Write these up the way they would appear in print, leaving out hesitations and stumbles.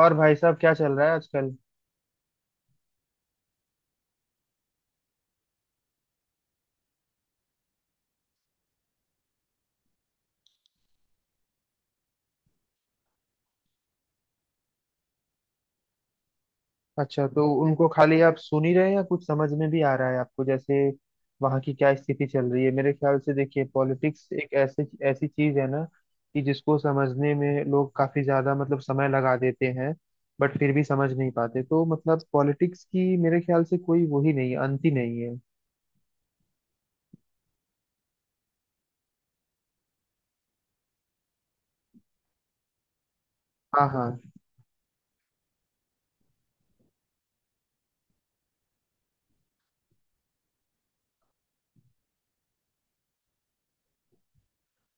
और भाई साहब क्या चल रहा है आजकल। अच्छा, तो उनको खाली आप सुन ही रहे हैं या कुछ समझ में भी आ रहा है आपको? जैसे वहां की क्या स्थिति चल रही है? मेरे ख्याल से देखिए, पॉलिटिक्स एक ऐसे ऐसी चीज है ना कि जिसको समझने में लोग काफी ज्यादा, मतलब, समय लगा देते हैं। बट फिर भी समझ नहीं पाते, तो मतलब पॉलिटिक्स की मेरे ख्याल से कोई वो ही नहीं है, अंत ही नहीं है। हाँ हाँ।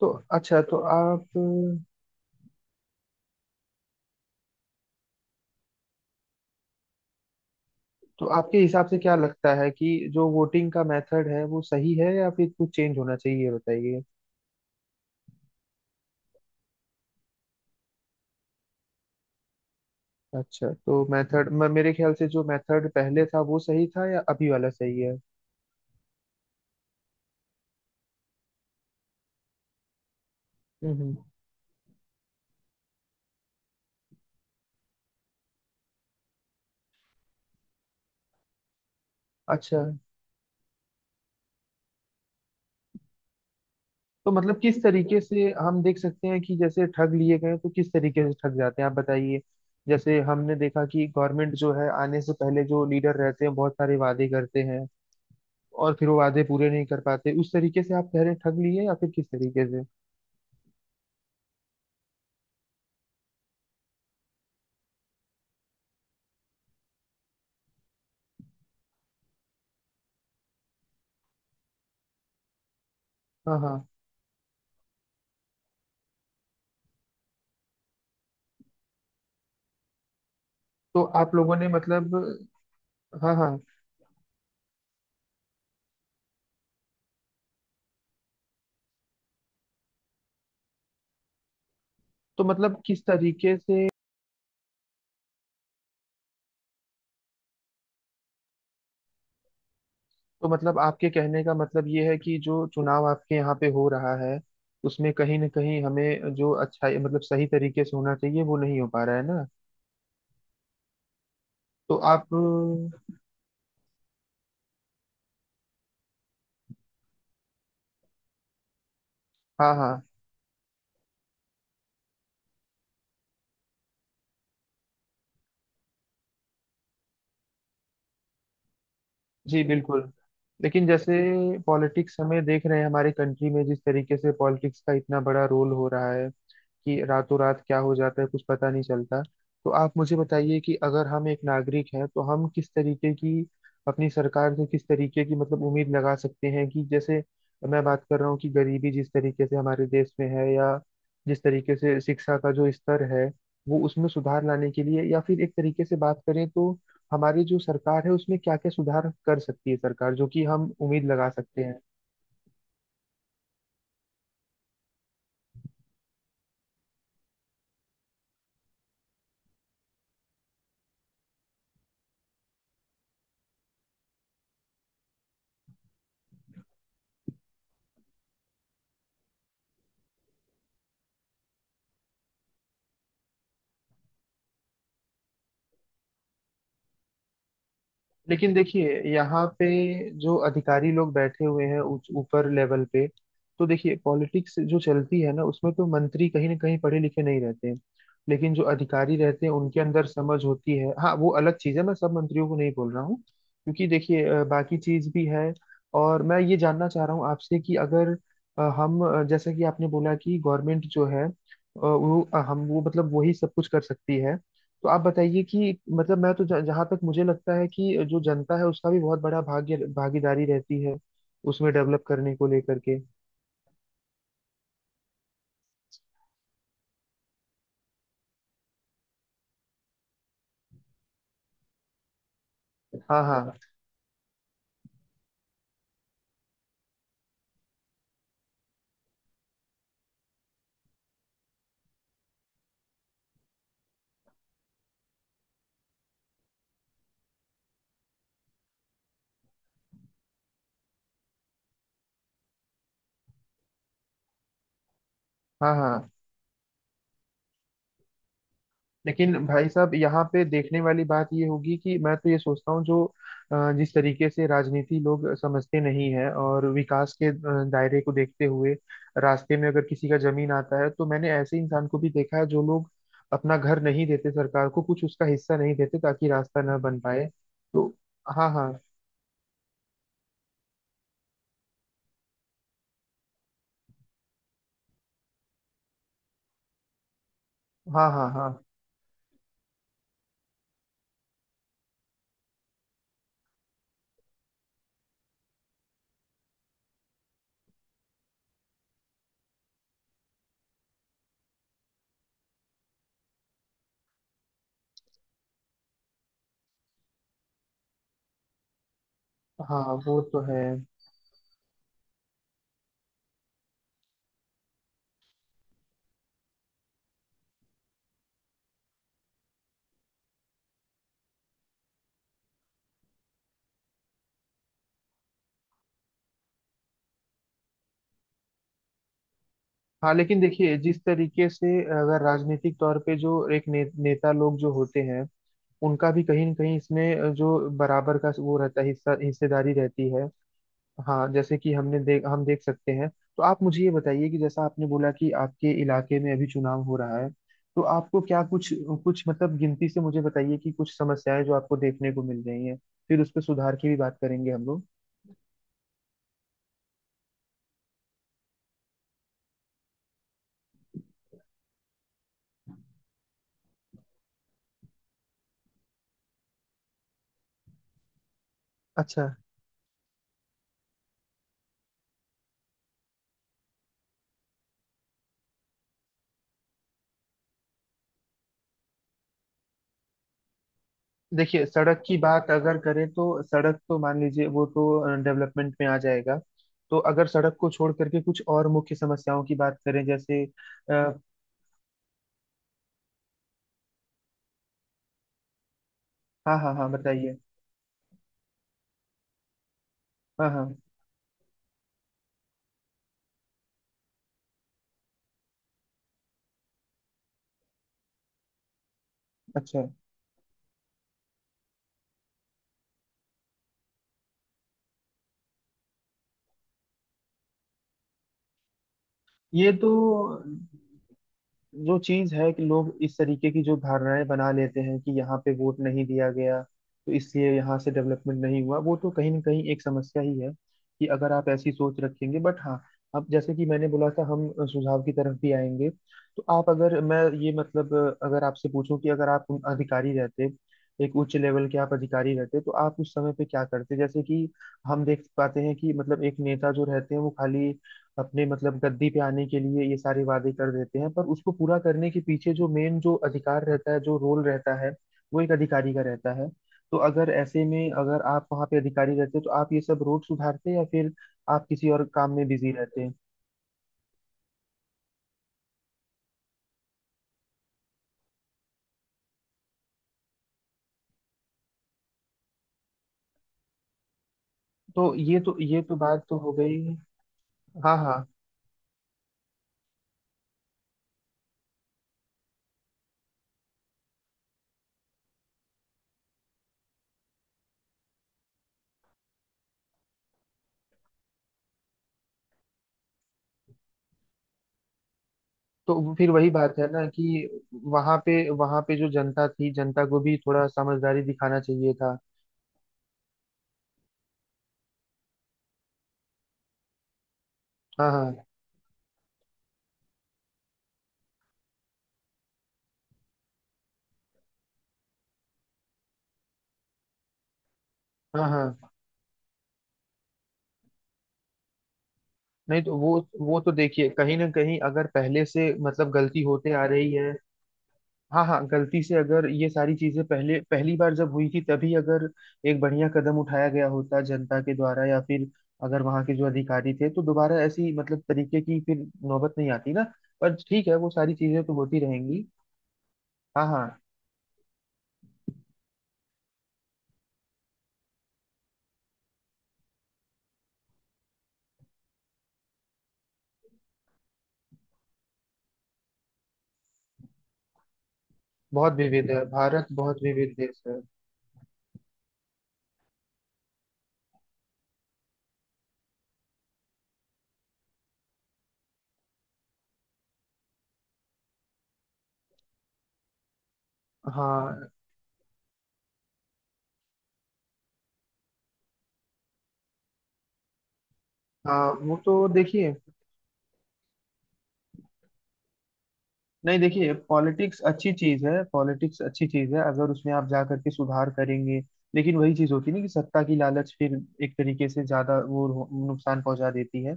तो अच्छा, तो आप, तो आपके हिसाब से क्या लगता है कि जो वोटिंग का मेथड है वो सही है या फिर कुछ चेंज होना चाहिए, ये बताइए। अच्छा, तो मेथड, मेरे ख्याल से जो मेथड पहले था वो सही था या अभी वाला सही है? हम्म। अच्छा। तो मतलब किस तरीके से हम देख सकते हैं कि जैसे ठग लिए गए, तो किस तरीके से ठग जाते हैं आप बताइए। जैसे हमने देखा कि गवर्नमेंट जो है, आने से पहले जो लीडर रहते हैं बहुत सारे वादे करते हैं, और फिर वो वादे पूरे नहीं कर पाते। उस तरीके से आप कह रहे हैं ठग लिए, या फिर किस तरीके से? हाँ हाँ। तो आप लोगों ने, मतलब, हाँ हाँ। तो मतलब किस तरीके से? तो मतलब आपके कहने का मतलब ये है कि जो चुनाव आपके यहाँ पे हो रहा है, उसमें कहीं ना कहीं हमें जो अच्छा, मतलब सही तरीके से होना चाहिए वो नहीं हो पा रहा है ना? तो आप, हाँ हाँ। जी बिल्कुल। लेकिन जैसे पॉलिटिक्स हमें देख रहे हैं हमारे कंट्री में, जिस तरीके से पॉलिटिक्स का इतना बड़ा रोल हो रहा है कि रातों रात क्या हो जाता है कुछ पता नहीं चलता। तो आप मुझे बताइए कि अगर हम एक नागरिक हैं तो हम किस तरीके की, अपनी सरकार से किस तरीके की, मतलब, उम्मीद लगा सकते हैं कि जैसे मैं बात कर रहा हूँ कि गरीबी जिस तरीके से हमारे देश में है, या जिस तरीके से शिक्षा का जो स्तर है वो, उसमें सुधार लाने के लिए, या फिर एक तरीके से बात करें तो हमारी जो सरकार है उसमें क्या क्या सुधार कर सकती है सरकार, जो कि हम उम्मीद लगा सकते हैं। लेकिन देखिए, यहाँ पे जो अधिकारी लोग बैठे हुए हैं ऊपर लेवल पे, तो देखिए पॉलिटिक्स जो चलती है ना, उसमें तो मंत्री कहीं ना कहीं पढ़े लिखे नहीं रहते हैं। लेकिन जो अधिकारी रहते हैं उनके अंदर समझ होती है। हाँ वो अलग चीज़ है, मैं सब मंत्रियों को नहीं बोल रहा हूँ, क्योंकि देखिए बाकी चीज़ भी है। और मैं ये जानना चाह रहा हूँ आपसे कि अगर हम, जैसा कि आपने बोला कि गवर्नमेंट जो है, वो, हम वो, मतलब, वही सब कुछ कर सकती है। तो आप बताइए कि, मतलब, मैं तो जहां तक मुझे लगता है कि जो जनता है उसका भी बहुत बड़ा भाग्य भागीदारी रहती है उसमें, डेवलप करने को लेकर के। हाँ हाँ। हाँ हाँ। लेकिन भाई साहब, यहाँ पे देखने वाली बात ये होगी कि मैं तो ये सोचता हूँ जो जिस तरीके से राजनीति लोग समझते नहीं है, और विकास के दायरे को देखते हुए रास्ते में अगर किसी का जमीन आता है, तो मैंने ऐसे इंसान को भी देखा है जो लोग अपना घर नहीं देते सरकार को, कुछ उसका हिस्सा नहीं देते ताकि रास्ता ना बन पाए। तो हाँ हाँ। हाँ हाँ। हाँ हाँ वो तो है। हाँ लेकिन देखिए, जिस तरीके से अगर राजनीतिक तौर पे जो एक नेता लोग जो होते हैं, उनका भी कहीं न कहीं इसमें जो बराबर का वो रहता है, हिस्सा हिस्सेदारी रहती है। हाँ जैसे कि हमने देख हम देख सकते हैं। तो आप मुझे ये बताइए कि जैसा आपने बोला कि आपके इलाके में अभी चुनाव हो रहा है, तो आपको क्या कुछ, कुछ, मतलब, गिनती से मुझे बताइए कि कुछ समस्याएं जो आपको देखने को मिल रही हैं, फिर उस पर सुधार की भी बात करेंगे हम लोग। अच्छा। देखिए, सड़क की बात अगर करें तो सड़क तो मान लीजिए वो तो डेवलपमेंट में आ जाएगा। तो अगर सड़क को छोड़ करके कुछ और मुख्य समस्याओं की बात करें जैसे, आ, हाँ हाँ हाँ बताइए। हाँ हाँ। अच्छा, ये तो जो चीज है कि लोग इस तरीके की जो धारणाएं बना लेते हैं कि यहाँ पे वोट नहीं दिया गया तो इसलिए यहाँ से डेवलपमेंट नहीं हुआ, वो तो कहीं ना कहीं एक समस्या ही है कि अगर आप ऐसी सोच रखेंगे। बट हाँ, अब जैसे कि मैंने बोला था हम सुझाव की तरफ भी आएंगे। तो आप, अगर मैं ये, मतलब अगर आपसे पूछूं कि अगर आप अधिकारी रहते, एक उच्च लेवल के आप अधिकारी रहते, तो आप उस समय पे क्या करते? जैसे कि हम देख पाते हैं कि, मतलब, एक नेता जो रहते हैं वो खाली अपने, मतलब, गद्दी पे आने के लिए ये सारे वादे कर देते हैं, पर उसको पूरा करने के पीछे जो मेन जो अधिकार रहता है, जो रोल रहता है वो एक अधिकारी का रहता है। तो अगर ऐसे में अगर आप वहाँ पे अधिकारी रहते, तो आप ये सब रोड सुधारते या फिर आप किसी और काम में बिजी रहते? तो ये तो, ये तो बात तो हो गई। हाँ हाँ। तो वो फिर वही बात है ना कि वहाँ पे, वहाँ पे जो जनता थी, जनता को भी थोड़ा समझदारी दिखाना चाहिए था। हाँ हाँ। हाँ हाँ। नहीं तो वो तो देखिए कहीं ना कहीं अगर पहले से, मतलब, गलती होते आ रही है। हाँ हाँ, गलती से अगर ये सारी चीजें पहले पहली बार जब हुई थी तभी अगर एक बढ़िया कदम उठाया गया होता जनता के द्वारा या फिर अगर वहाँ के जो अधिकारी थे, तो दोबारा ऐसी मतलब तरीके की फिर नौबत नहीं आती ना। पर ठीक है, वो सारी चीजें तो होती रहेंगी। हाँ हाँ। बहुत विविध है भारत, बहुत विविध देश है। हाँ हाँ वो तो देखिए, नहीं देखिए, पॉलिटिक्स अच्छी चीज है, पॉलिटिक्स अच्छी चीज है अगर उसमें आप जा करके सुधार करेंगे। लेकिन वही चीज होती है ना कि सत्ता की लालच फिर एक तरीके से ज्यादा वो नुकसान पहुंचा देती है।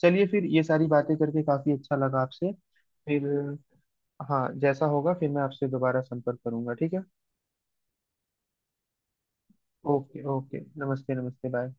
चलिए फिर, ये सारी बातें करके काफी अच्छा लगा आपसे। फिर, हाँ जैसा होगा फिर मैं आपसे दोबारा संपर्क करूंगा, ठीक है? ओके ओके, नमस्ते नमस्ते, बाय।